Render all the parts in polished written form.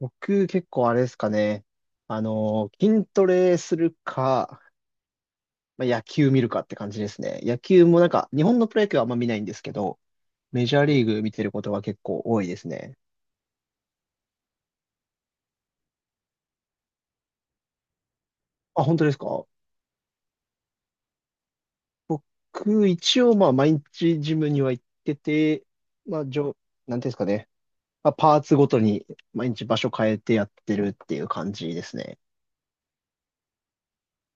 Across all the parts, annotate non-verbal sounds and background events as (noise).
僕結構あれですかね。筋トレするか、まあ、野球見るかって感じですね。野球もなんか、日本のプロ野球はあんま見ないんですけど、メジャーリーグ見てることが結構多いですね。あ、本当ですか？僕、一応まあ毎日ジムには行ってて、まあ、なんていうんですかね。まあ、パーツごとに毎日場所変えてやってるっていう感じですね。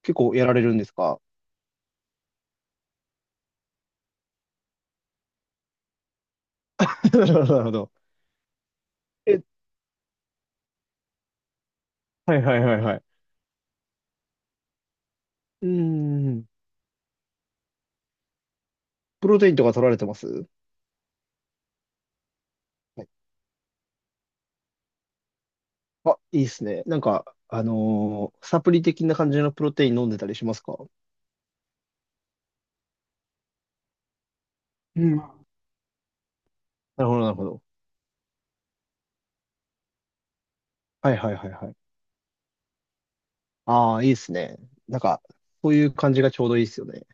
結構やられるんですか？ (laughs) なるほど。え、はいはいはいはい。うーん。プロテインとか取られてます？はい。あ、いいですね。なんか、サプリ的な感じのプロテイン飲んでたりしますか？うん。なるほど、なるほど。はいはいはいはい。ああ、いいですね。なんか、そういう感じがちょうどいいですよね。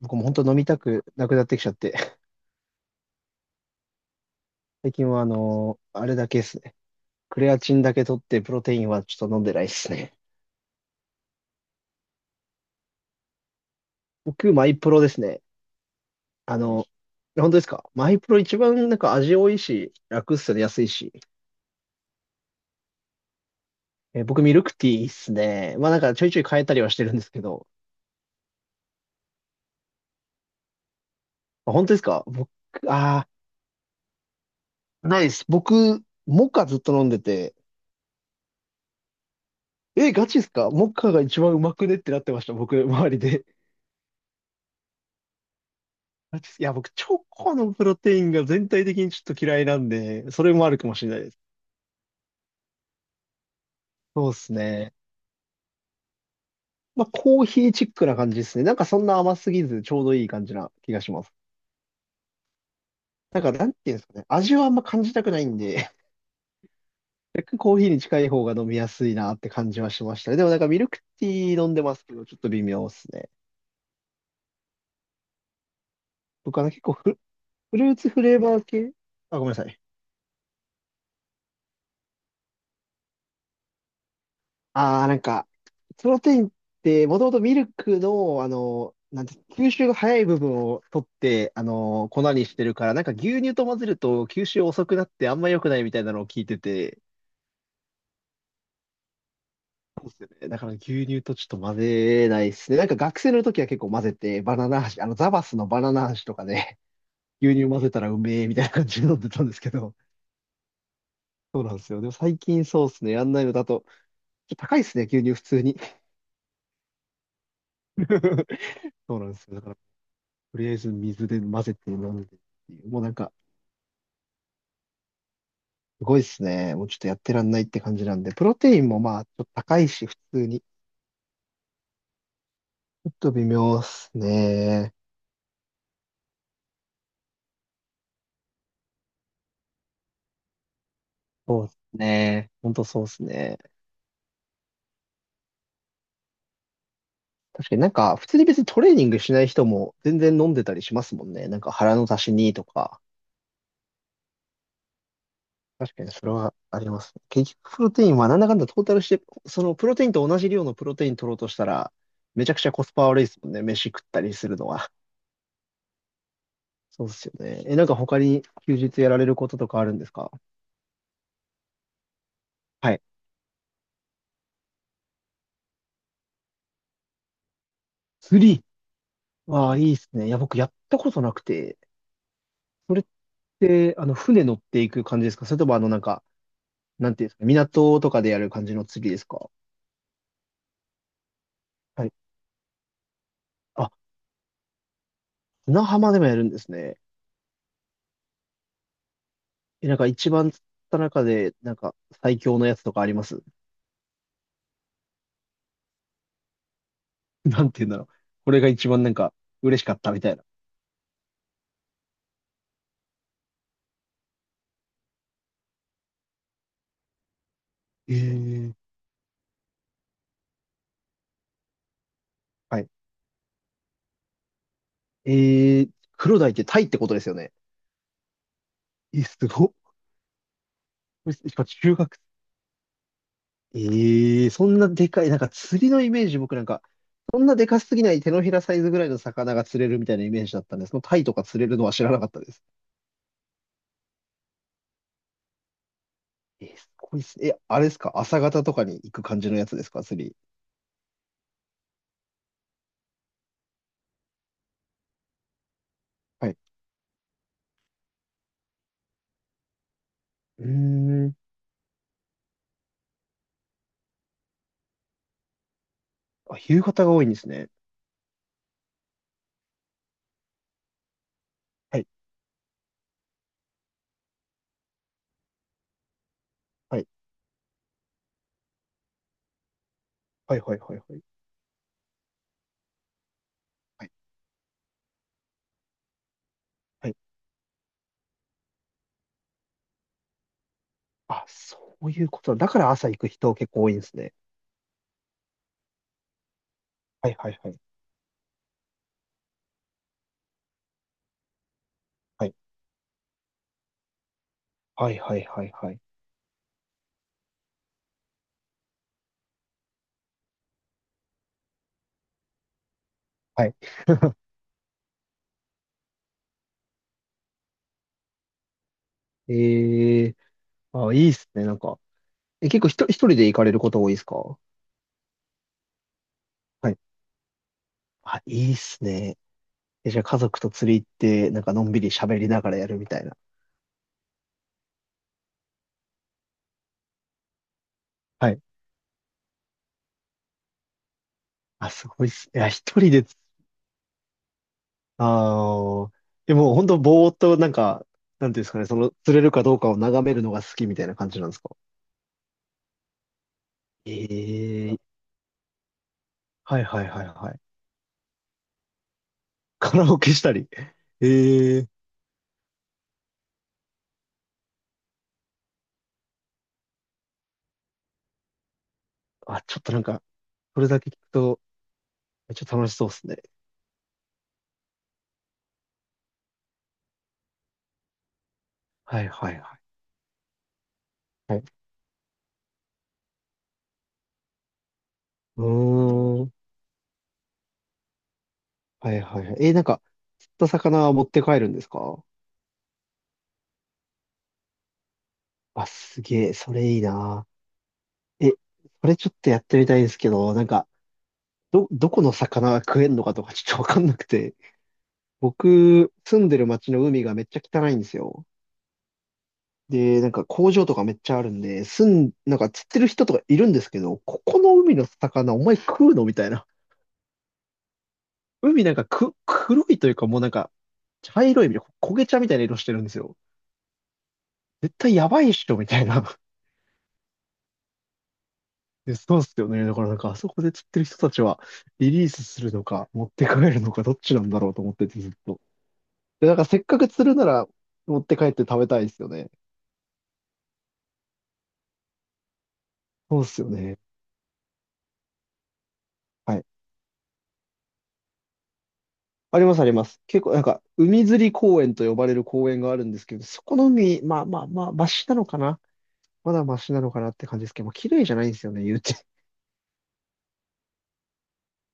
僕も本当飲みたくなくなってきちゃって。(laughs) 最近はあれだけですね。クレアチンだけ取って、プロテインはちょっと飲んでないですね。(laughs) 僕、マイプロですね。あの、本当ですか？マイプロ一番なんか味多いし、楽っすよね、安いし。僕、ミルクティーっすね。まあなんかちょいちょい変えたりはしてるんですけど、あ、本当ですか？僕、ああ、ないです。僕、モカずっと飲んでて、え、ガチですか？モカが一番うまくねってなってました、僕、周りで。ガチっす。いや、僕、チョコのプロテインが全体的にちょっと嫌いなんで、それもあるかもしれないです。そうですね。まあ、コーヒーチックな感じですね。なんかそんな甘すぎず、ちょうどいい感じな気がします。なんか、なんていうんですかね。味はあんま感じたくないんで、(laughs) 若干コーヒーに近い方が飲みやすいなって感じはしましたね。でもなんかミルクティー飲んでますけど、ちょっと微妙ですね。僕はね結構フルーツフレーバー系。あ、ごめんなさい。ああー、なんか、プロテインって、もともとミルクの、あの、なんて、吸収が早い部分を取って、粉にしてるから、なんか牛乳と混ぜると吸収遅くなってあんま良くないみたいなのを聞いてて、そうですよね。だから牛乳とちょっと混ぜないですね。なんか学生の時は結構混ぜて、バナナ味、ザバスのバナナ味とかで、牛乳混ぜたらうめえみたいな感じで飲んでたんですけど、そうなんですよ。でも最近そうですね。やんないのだと、ちょっと高いですね、牛乳普通に。(laughs) そうなんですよ。だから、とりあえず水で混ぜて飲んでっていう。もうなんか、すごいっすね。もうちょっとやってらんないって感じなんで。プロテインもまあ、ちょっと高いし、普通に。ちょっと微妙っすね。そうっすね。ほんとそうっすね。確かになんか、普通に別にトレーニングしない人も全然飲んでたりしますもんね。なんか腹の足しにとか。確かにそれはありますね。結局プロテインはなんだかんだトータルして、そのプロテインと同じ量のプロテイン取ろうとしたら、めちゃくちゃコスパ悪いですもんね。飯食ったりするのは。そうっすよね。え、なんか他に休日やられることとかあるんですか？はい。釣り。わあ、いいっすね。いや、僕やったことなくて、それって、船乗っていく感じですか？それともなんか、なんていうんですか、港とかでやる感じの釣りですか？はい。あ、砂浜でもやるんですね。え、なんか一番釣った中で、なんか最強のやつとかあります？ (laughs) なんていうんだろう。これが一番なんか嬉しかったみたいな。ええ。はい。えー、黒鯛ってタイってことですよね。え、すごっ。これしかも中学。ええ、そんなでかい、なんか釣りのイメージ、僕なんか、そんなでかすぎない手のひらサイズぐらいの魚が釣れるみたいなイメージだったんです。そのタイとか釣れるのは知らなかったです。えー、すごいっす。え、あれですか？朝方とかに行く感じのやつですか？釣り。はい。うーん。あ、夕方が多いんですね。はい。はい。はい、はい、はい、はい。はい。はい。あ、そういうことだ。だから朝行く人結構多いんですね。はい、はい、はい。はい。はい、はい、はい、はい。はい。(laughs) ええ。あ、いいっすね。なんか。え、結構一人で行かれること多いですか？はい。あ、いいっすね。え、じゃあ家族と釣り行って、なんかのんびり喋りながらやるみたいな。はい。あ、すごいっす。いや、一人で、ああ、でも本当ぼーっとなんか、なんていうんですかね、その釣れるかどうかを眺めるのが好きみたいな感じなんですか？ええ。はいはいはいはい。カラオケしたり。ええ。あ、ちょっとなんか、それだけ聞くと、めっちゃ楽しそうっすね。はいはいはい。はい。うーん。はいはいはい。なんか、釣った魚は持って帰るんですか？あ、すげえ、それいいな。え、それちょっとやってみたいんですけど、なんか、どこの魚が食えんのかとかちょっとわかんなくて。僕、住んでる町の海がめっちゃ汚いんですよ。で、なんか工場とかめっちゃあるんで、なんか釣ってる人とかいるんですけど、ここの海の魚お前食うのみたいな。海なんか黒いというかもうなんか、茶色いみたいな、焦げ茶みたいな色してるんですよ。絶対やばいっしょ、みたいな。で、そうっすよね。だからなんか、あそこで釣ってる人たちは、リリースするのか、持って帰るのか、どっちなんだろうと思ってて、ずっと。で、なんか、せっかく釣るなら、持って帰って食べたいですよね。そうっすよね。はい。あります、あります。結構、なんか、海釣り公園と呼ばれる公園があるんですけど、そこの海、まあまあまあ、マシなのかな。まだマシなのかなって感じですけど、まあ、綺麗じゃないんですよね、言うて。(laughs)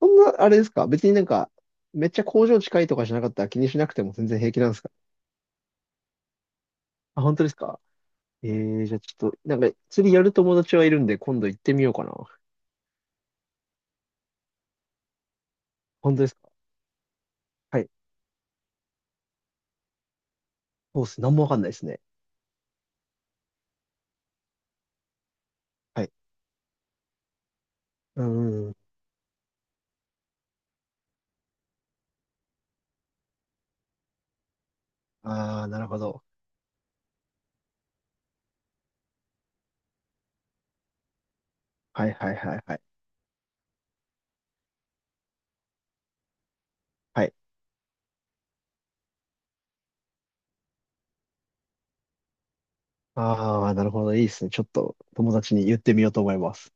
そんな、あれですか？別になんか、めっちゃ工場近いとかじゃなかったら気にしなくても全然平気なんですか？あ、本当ですか？ええ。じゃあちょっと、なんか釣りやる友達はいるんで、今度行ってみようかな。本当ですか？はい。そうっす。なんもわかんないですね。はい。うんうん。ああ、なるほど。はいはいはいはい。はい。ああ、なるほど。いいですね。ちょっと友達に言ってみようと思います。